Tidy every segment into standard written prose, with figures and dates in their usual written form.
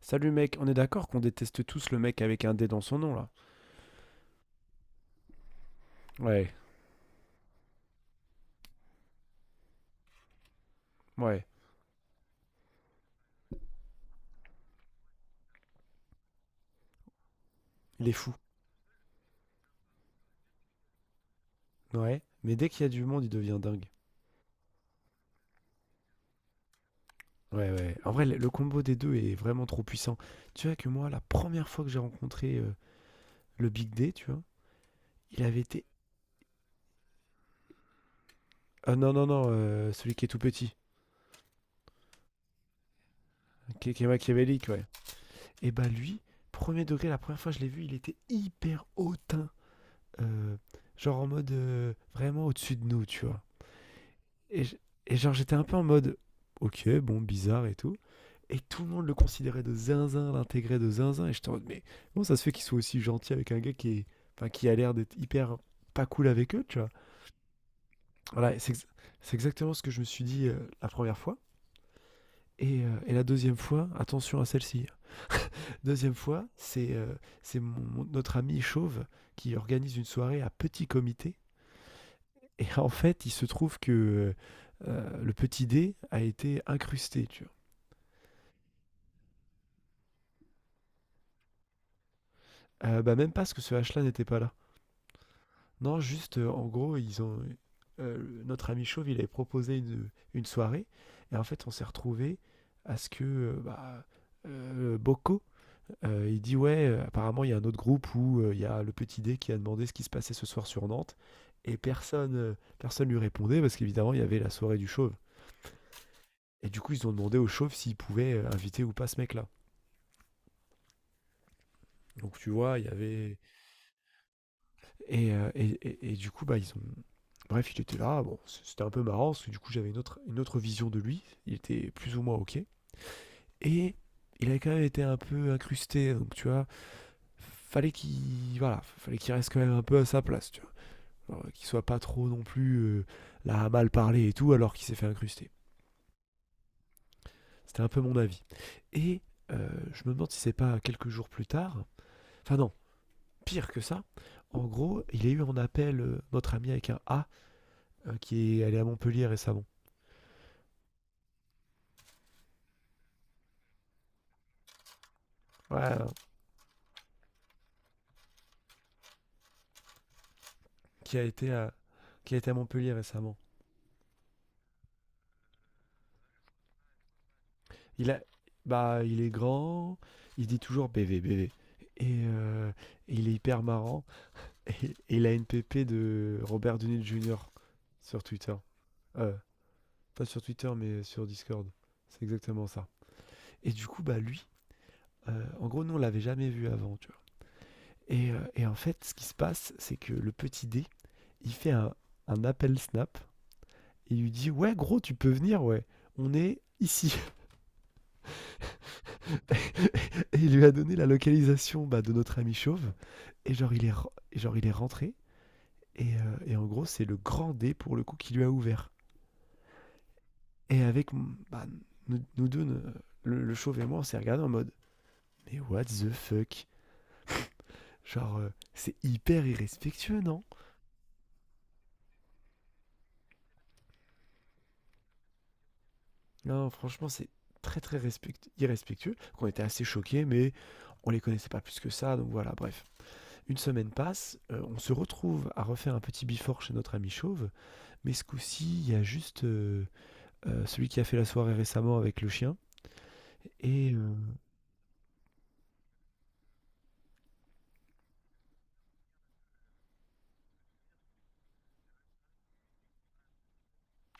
Salut mec, on est d'accord qu'on déteste tous le mec avec un D dans son nom là. Ouais, ouais, il est fou. Ouais, mais dès qu'il y a du monde, il devient dingue. Ouais, ouais. En vrai, le combo des deux est vraiment trop puissant. Tu vois que moi, la première fois que j'ai rencontré le Big D, tu vois, il avait été. Ah non, non, non, celui qui est tout petit, qui est machiavélique, ouais. Et bah lui, premier degré, la première fois que je l'ai vu, il était hyper hautain. euh, genre en mode vraiment au-dessus de nous, tu vois. Et, je- et genre j'étais un peu en mode, ok, bon, bizarre et tout. Et tout le monde le considérait de zinzin, l'intégrait de zinzin. Et j'étais en mode, mais comment ça se fait qu'ils soient aussi gentils avec un gars qui, est, enfin, qui a l'air d'être hyper pas cool avec eux, tu vois. Voilà, c'est exactement ce que je me suis dit la première fois. Et la deuxième fois, attention à celle-ci. Deuxième fois, c'est notre ami Chauve qui organise une soirée à petit comité. Et en fait, il se trouve que le petit dé a été incrusté, tu vois. Bah, même pas parce que ce H-là n'était pas là. Non, juste, en gros, ils ont, notre ami Chauve, il avait proposé une, soirée. Et en fait, on s'est retrouvé à ce que bah, Bocco, il dit ouais, apparemment, il y a un autre groupe où il y a le petit D qui a demandé ce qui se passait ce soir sur Nantes. Et personne lui répondait parce qu'évidemment, il y avait la soirée du Chauve. Et du coup, ils ont demandé au Chauve s'il pouvait inviter ou pas ce mec-là. Donc, tu vois, il y avait. Et du coup, bah, ils ont. Bref, il était là. Bon, c'était un peu marrant parce que du coup, j'avais une autre vision de lui. Il était plus ou moins OK. Et il avait quand même été un peu incrusté. Donc, tu vois, fallait qu'il reste quand même un peu à sa place, tu vois. Alors, qu'il soit pas trop non plus là à mal parler et tout, alors qu'il s'est fait incruster. C'était un peu mon avis. Et je me demande si c'est pas quelques jours plus tard. Enfin, non, pire que ça. En gros, il y a eu en appel notre ami avec un A qui est allé à Montpellier récemment. Ouais, qui a été à, qui a été à Montpellier récemment. Il a, bah, il est grand, il dit toujours BV, BV. Et il est hyper marrant. Et il a une pépé de Robert Downey Jr. sur Twitter. Euh, Pas sur Twitter, mais sur Discord. C'est exactement ça. Et du coup, bah lui, en gros, nous, on l'avait jamais vu avant, tu vois. Et en fait, ce qui se passe, c'est que le petit D, il fait un appel Snap. Et il lui dit, ouais, gros, tu peux venir, ouais. On est ici. Et il lui a donné la localisation bah, de notre ami chauve. Et genre, il est rentré. Et en gros, c'est le grand dé pour le coup qui lui a ouvert. Et avec bah, nous, nous deux, le chauve et moi, on s'est regardé en mode mais what the fuck. Genre, c'est hyper irrespectueux, non. Non, franchement, c'est très très irrespectueux. Qu'on était assez choqués, mais on les connaissait pas plus que ça. Donc voilà, bref. Une semaine passe, on se retrouve à refaire un petit before chez notre ami chauve. Mais ce coup-ci, il y a juste celui qui a fait la soirée récemment avec le chien. Et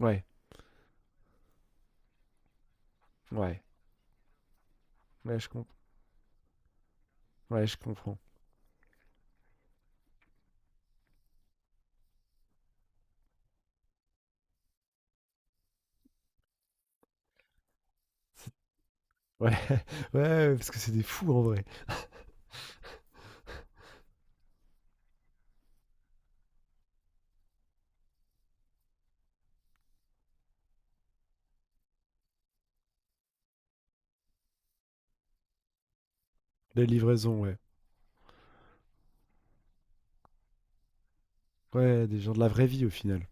ouais, ouais, ouais, je, comprends ouais, je comprends. C'est- Ouais, ouais, parce que c'est des fous en vrai. La livraison, ouais. Ouais, des gens de la vraie vie au final.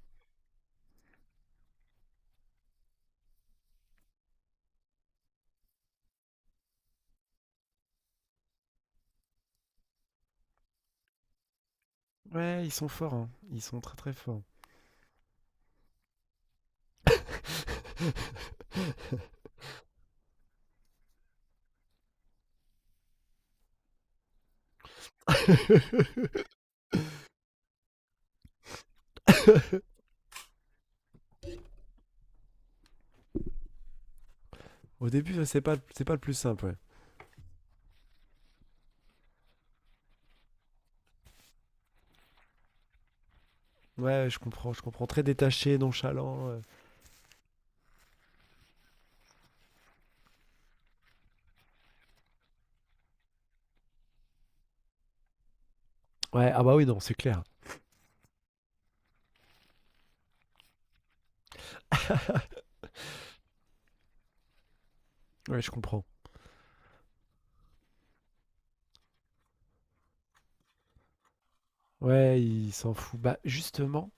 Ouais, ils sont forts, hein. Ils sont très très forts. Au début, ouais, c'est pas le plus simple, ouais. Ouais, je comprends, je comprends. Très détaché, nonchalant. Ouais. Ouais, ah bah oui, non, c'est clair. Ouais, je comprends. Ouais, il s'en fout. Bah, justement,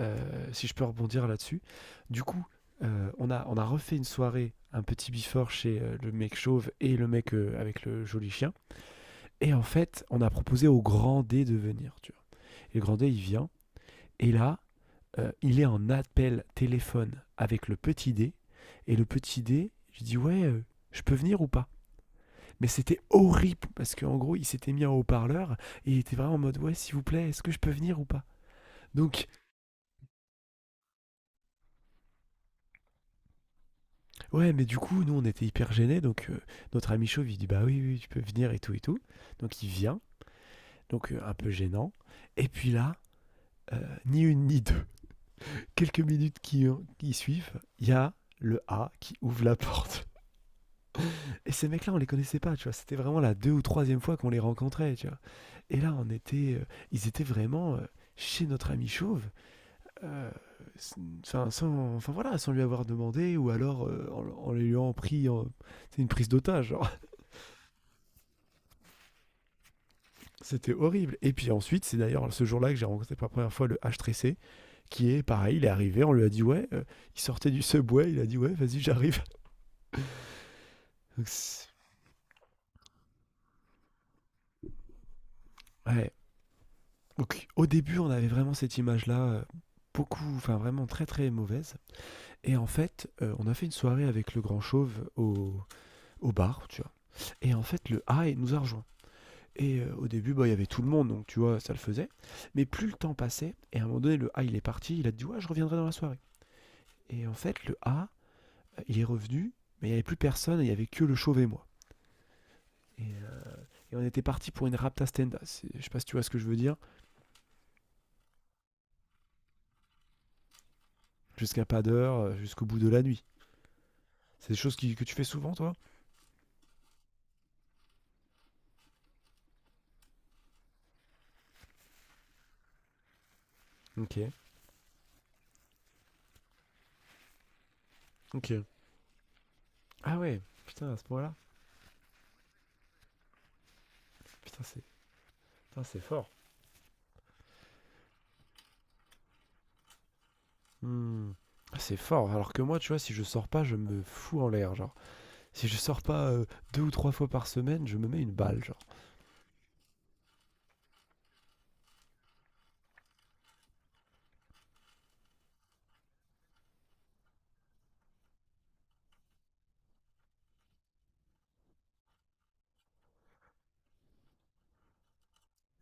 heu, si je peux rebondir là-dessus, du coup, on a refait une soirée, un petit before chez, le mec chauve et le mec, avec le joli chien. Et en fait, on a proposé au grand D de venir, tu vois? Et le grand D, il vient et là, il est en appel téléphone avec le petit D et le petit D, je dis: «Ouais, je peux venir ou pas ?» Mais c'était horrible parce qu'en gros, il s'était mis en haut-parleur et il était vraiment en mode: «Ouais, s'il vous plaît, est-ce que je peux venir ou pas ?» Donc ouais, mais du coup, nous, on était hyper gênés. Donc, notre ami chauve, il dit: «Bah, oui, oui, oui, tu peux venir et tout et tout». Donc, il vient, donc, un peu gênant et puis là, heu, ni une ni deux, quelques minutes qui suivent, il y a le A qui ouvre la porte. Et ces mecs-là, on les connaissait pas, tu vois? C'était vraiment la 2 ou troisième fois qu'on les rencontrait, tu vois? Et là, on était, ils étaient vraiment, chez notre ami chauve, heu, s enfin, sans enfin, voilà, sans lui avoir demandé ou alors, en lui ayant pris en tu une prise d'otage, hein. C'était horrible. Et puis ensuite, c'est d'ailleurs ce jour-là que j'ai rencontré pour la première fois le H3C, qui est pareil, il est arrivé, on lui a dit ouais, il sortait du subway, il a dit ouais, vas-y, j'arrive. Donc, ouais. Donc, au début, on avait vraiment cette image-là, beaucoup, enfin vraiment très très mauvaise. Et en fait, on a fait une soirée avec le grand chauve au, bar, tu vois. Et en fait, le A nous a rejoint. Et au début, bah, il y avait tout le monde, donc tu vois, ça le faisait. Mais plus le temps passait, et à un moment donné, le A, il est parti, il a dit, ouais, je reviendrai dans la soirée. Et en fait, le A, il est revenu, mais il n'y avait plus personne, il n'y avait que le chauve et moi. Et, euh, et on était parti pour une rapta stenda. Je sais pas si tu vois ce que je veux dire. Jusqu'à pas d'heure, jusqu'au bout de la nuit. C'est des choses que tu fais souvent, toi? Ok. Ok. Ah ouais, putain, à ce moment là. Putain, c'est, putain, c'est fort. Hmm. Ah, c'est fort. Alors que moi, tu vois, si je sors pas, je me fous en l'air. Genre, si je sors pas deux ou trois fois par semaine, je me mets une balle. Genre,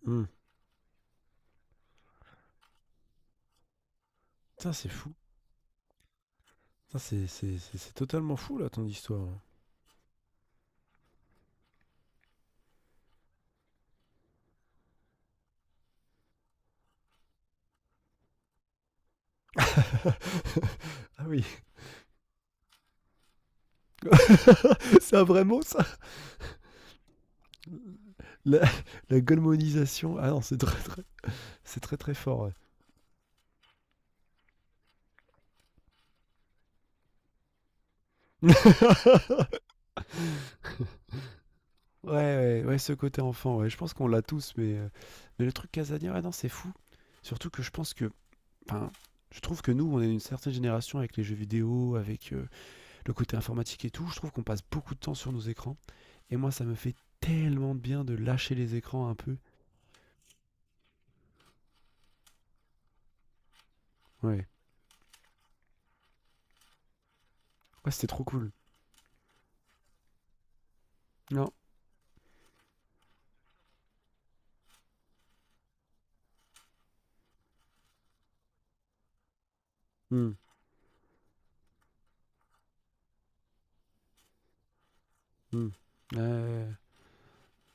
hmm, putain, c'est fou. Putain, c'est totalement fou là ton histoire. Là. Ah oui. C'est un vrai mot, ça. La, la golemonisation. Ah non, c'est très, très fort. Ouais. Ouais, ouais, ouais, ce côté enfant, ouais, je pense qu'on l'a tous, mais le truc Casania, ouais, non, c'est fou. Surtout que je pense que, enfin, je trouve que nous, on est une certaine génération avec les jeux vidéo, avec le côté informatique et tout. Je trouve qu'on passe beaucoup de temps sur nos écrans. Et moi, ça me fait tellement de bien de lâcher les écrans un peu. Ouais, ouais, c'était trop cool. Non, hmm, hmm. Ouais.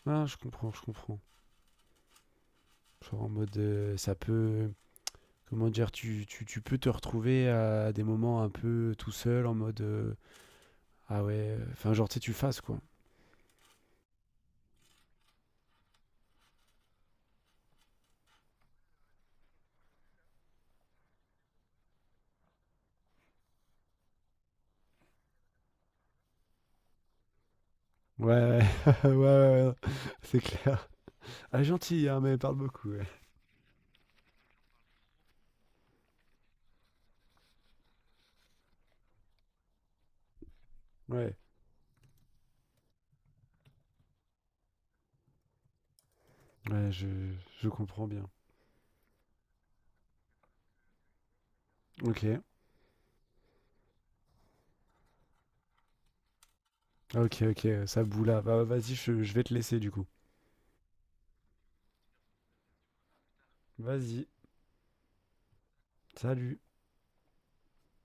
Ah, je comprends, je comprends. Genre en mode, ça peut, comment dire, tu peux te retrouver à des moments un peu tout seul en mode ah ouais, enfin genre tu sais, tu fasses quoi. Ouais, ouais, ouais, ouais, ouais, c'est clair. Ah, gentil, hein, mais parle beaucoup. Ouais, ouais, ouais, je comprends bien. Ok, ok, ok, ça boule là. Bah, vas-y, je vais te laisser du coup. Vas-y, salut.